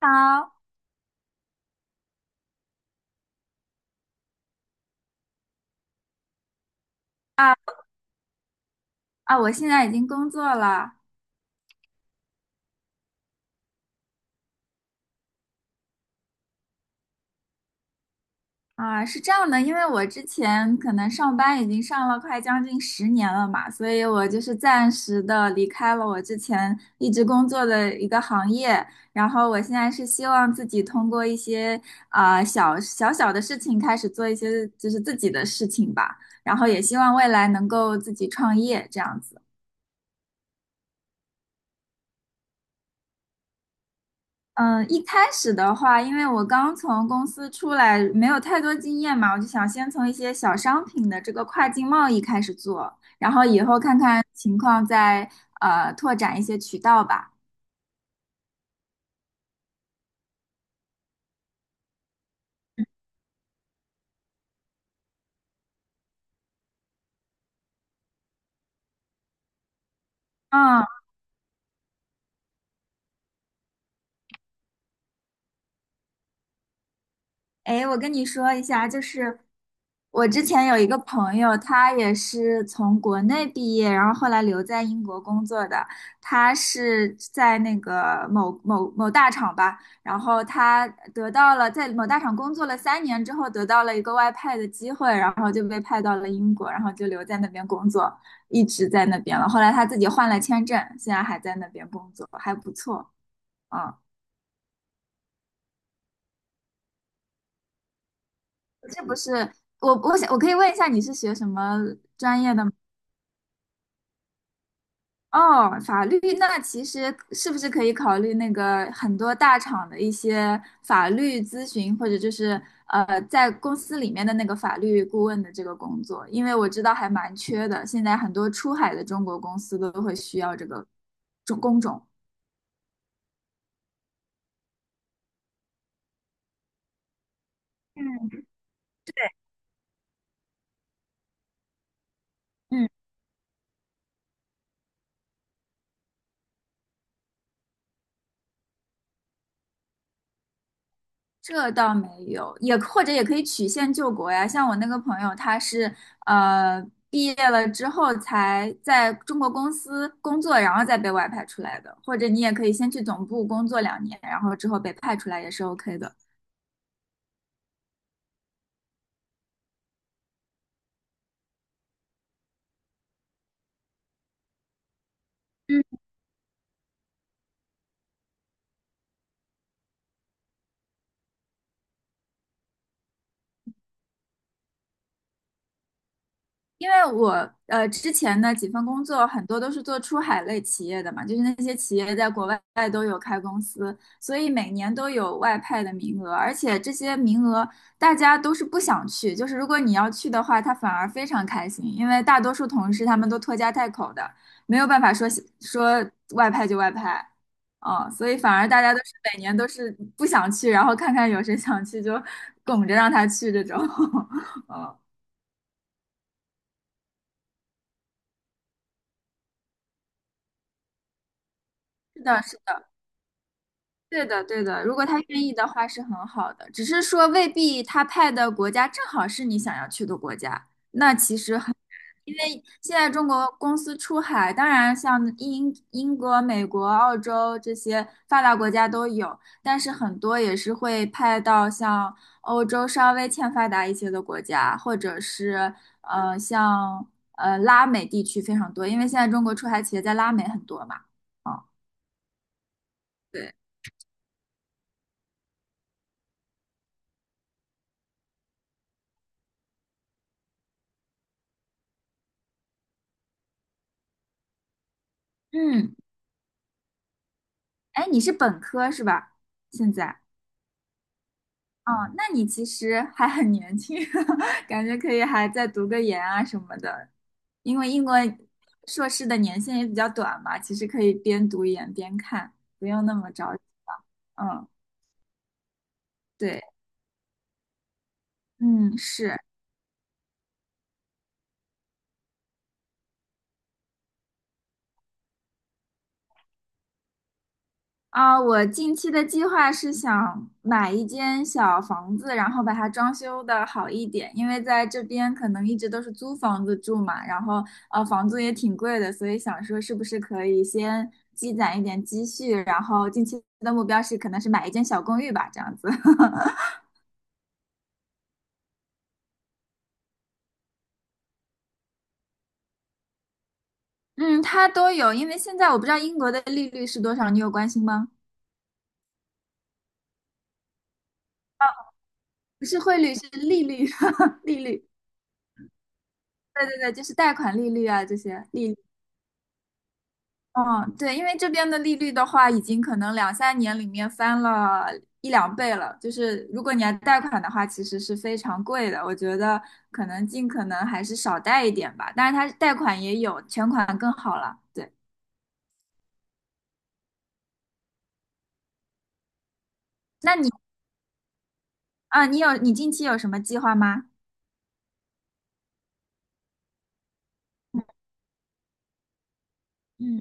好。啊啊！我现在已经工作了。啊，是这样的，因为我之前可能上班已经上了快将近十年了嘛，所以我就是暂时的离开了我之前一直工作的一个行业，然后我现在是希望自己通过一些小小的事情开始做一些就是自己的事情吧，然后也希望未来能够自己创业这样子。嗯，一开始的话，因为我刚从公司出来，没有太多经验嘛，我就想先从一些小商品的这个跨境贸易开始做，然后以后看看情况再拓展一些渠道吧。嗯。哎，我跟你说一下，就是我之前有一个朋友，他也是从国内毕业，然后后来留在英国工作的。他是在那个某某某大厂吧，然后他得到了在某大厂工作了三年之后，得到了一个外派的机会，然后就被派到了英国，然后就留在那边工作，一直在那边了。后来他自己换了签证，现在还在那边工作，还不错。嗯。这不是？我想我可以问一下，你是学什么专业的吗？哦，法律，那其实是不是可以考虑那个很多大厂的一些法律咨询，或者就是在公司里面的那个法律顾问的这个工作？因为我知道还蛮缺的，现在很多出海的中国公司都会需要这个种工种。嗯。嗯。这倒没有，也或者也可以曲线救国呀。像我那个朋友，他是毕业了之后才在中国公司工作，然后再被外派出来的。或者你也可以先去总部工作2年，然后之后被派出来也是 OK 的。因为我之前呢几份工作很多都是做出海类企业的嘛，就是那些企业在国外都有开公司，所以每年都有外派的名额，而且这些名额大家都是不想去，就是如果你要去的话，他反而非常开心，因为大多数同事他们都拖家带口的，没有办法说外派就外派，哦，所以反而大家都是每年都是不想去，然后看看有谁想去就拱着让他去这种，嗯、是的，是的。对的，对的，如果他愿意的话是很好的，只是说未必他派的国家正好是你想要去的国家。那其实很，因为现在中国公司出海，当然像英国、美国、澳洲这些发达国家都有，但是很多也是会派到像欧洲稍微欠发达一些的国家，或者是像拉美地区非常多，因为现在中国出海企业在拉美很多嘛。啊，对，嗯。哎，你是本科是吧？现在，哦，那你其实还很年轻，感觉可以还再读个研啊什么的，因为英国硕士的年限也比较短嘛，其实可以边读研边看，不用那么着急了。嗯，对，嗯，是。啊，我近期的计划是想买一间小房子，然后把它装修的好一点，因为在这边可能一直都是租房子住嘛，然后房租也挺贵的，所以想说是不是可以先积攒一点积蓄，然后近期的目标是可能是买一间小公寓吧，这样子。嗯，它都有，因为现在我不知道英国的利率是多少，你有关心吗？不是汇率，是利率，利率。对对对，就是贷款利率啊，这些利率。嗯，对，因为这边的利率的话，已经可能两三年里面翻了一两倍了。就是如果你要贷款的话，其实是非常贵的。我觉得可能尽可能还是少贷一点吧。但是它贷款也有，全款更好了。对，那你啊，你有你近期有什么计划吗？嗯，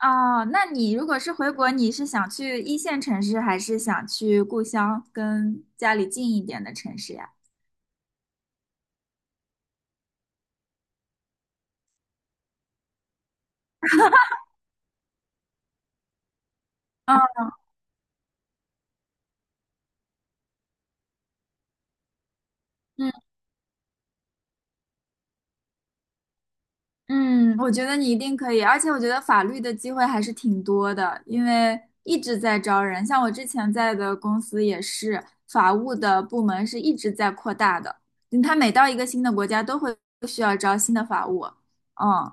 哦，那你如果是回国，你是想去一线城市，还是想去故乡跟家里近一点的城市呀？嗯。嗯，我觉得你一定可以，而且我觉得法律的机会还是挺多的，因为一直在招人，像我之前在的公司也是，法务的部门是一直在扩大的，嗯它每到一个新的国家都会需要招新的法务。嗯，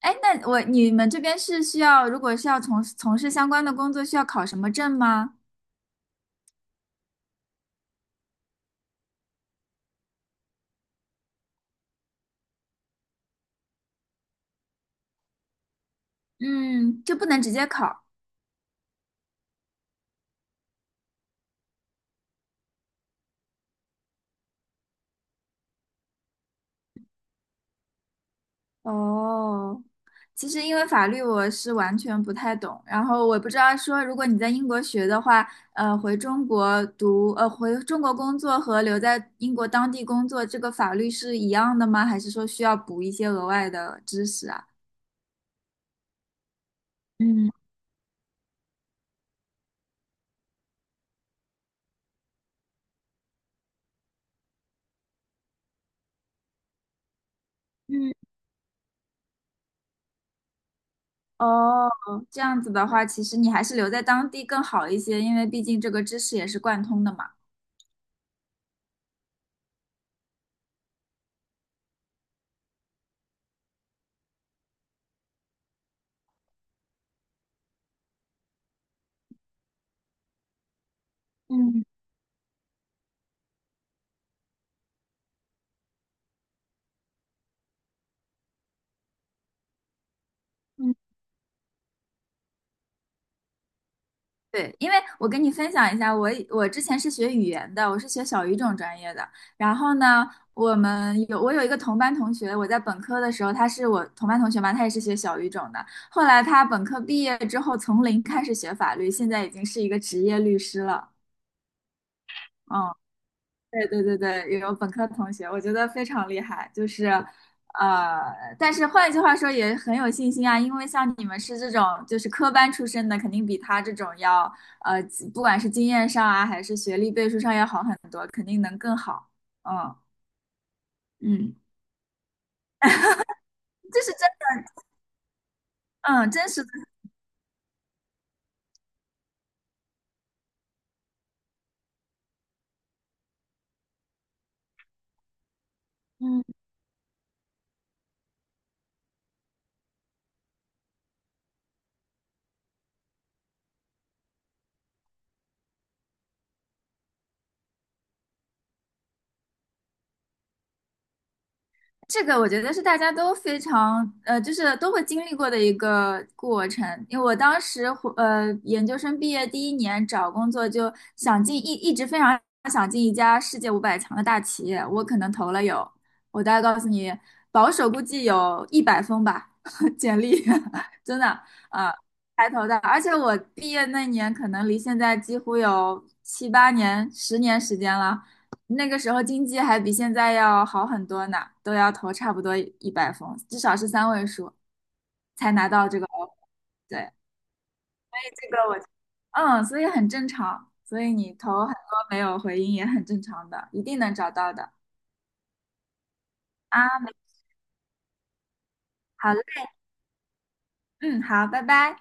哎，那我你们这边是需要，如果是要从从事相关的工作，需要考什么证吗？嗯，就不能直接考。哦，其实因为法律我是完全不太懂，然后我不知道说如果你在英国学的话，回中国读，回中国工作和留在英国当地工作，这个法律是一样的吗？还是说需要补一些额外的知识啊？嗯。嗯。哦，这样子的话，其实你还是留在当地更好一些，因为毕竟这个知识也是贯通的嘛。嗯。嗯，对，因为我跟你分享一下，我之前是学语言的，我是学小语种专业的。然后呢，我们有我有一个同班同学，我在本科的时候，他是我同班同学嘛，他也是学小语种的。后来他本科毕业之后，从零开始学法律，现在已经是一个职业律师了。嗯。对对对对，有本科同学，我觉得非常厉害，就是，呃，但是换一句话说，也很有信心啊，因为像你们是这种就是科班出身的，肯定比他这种要，呃，不管是经验上啊，还是学历背书上要好很多，肯定能更好。嗯。嗯，这是真，嗯，真实的。嗯。这个我觉得是大家都非常就是都会经历过的一个过程。因为我当时回研究生毕业第一年找工作，就想进一一直非常想进一家世界500强的大企业。我可能投了有，我大概告诉你，保守估计有一百封吧，简历，真的啊，才投的。而且我毕业那年可能离现在几乎有七八年、十年时间了。那个时候经济还比现在要好很多呢，都要投差不多一百封，至少是三位数才拿到这个 offer。对，这个我，嗯，所以很正常，所以你投很多没有回音也很正常的，一定能找到的啊。没好嘞，嗯，好，拜拜。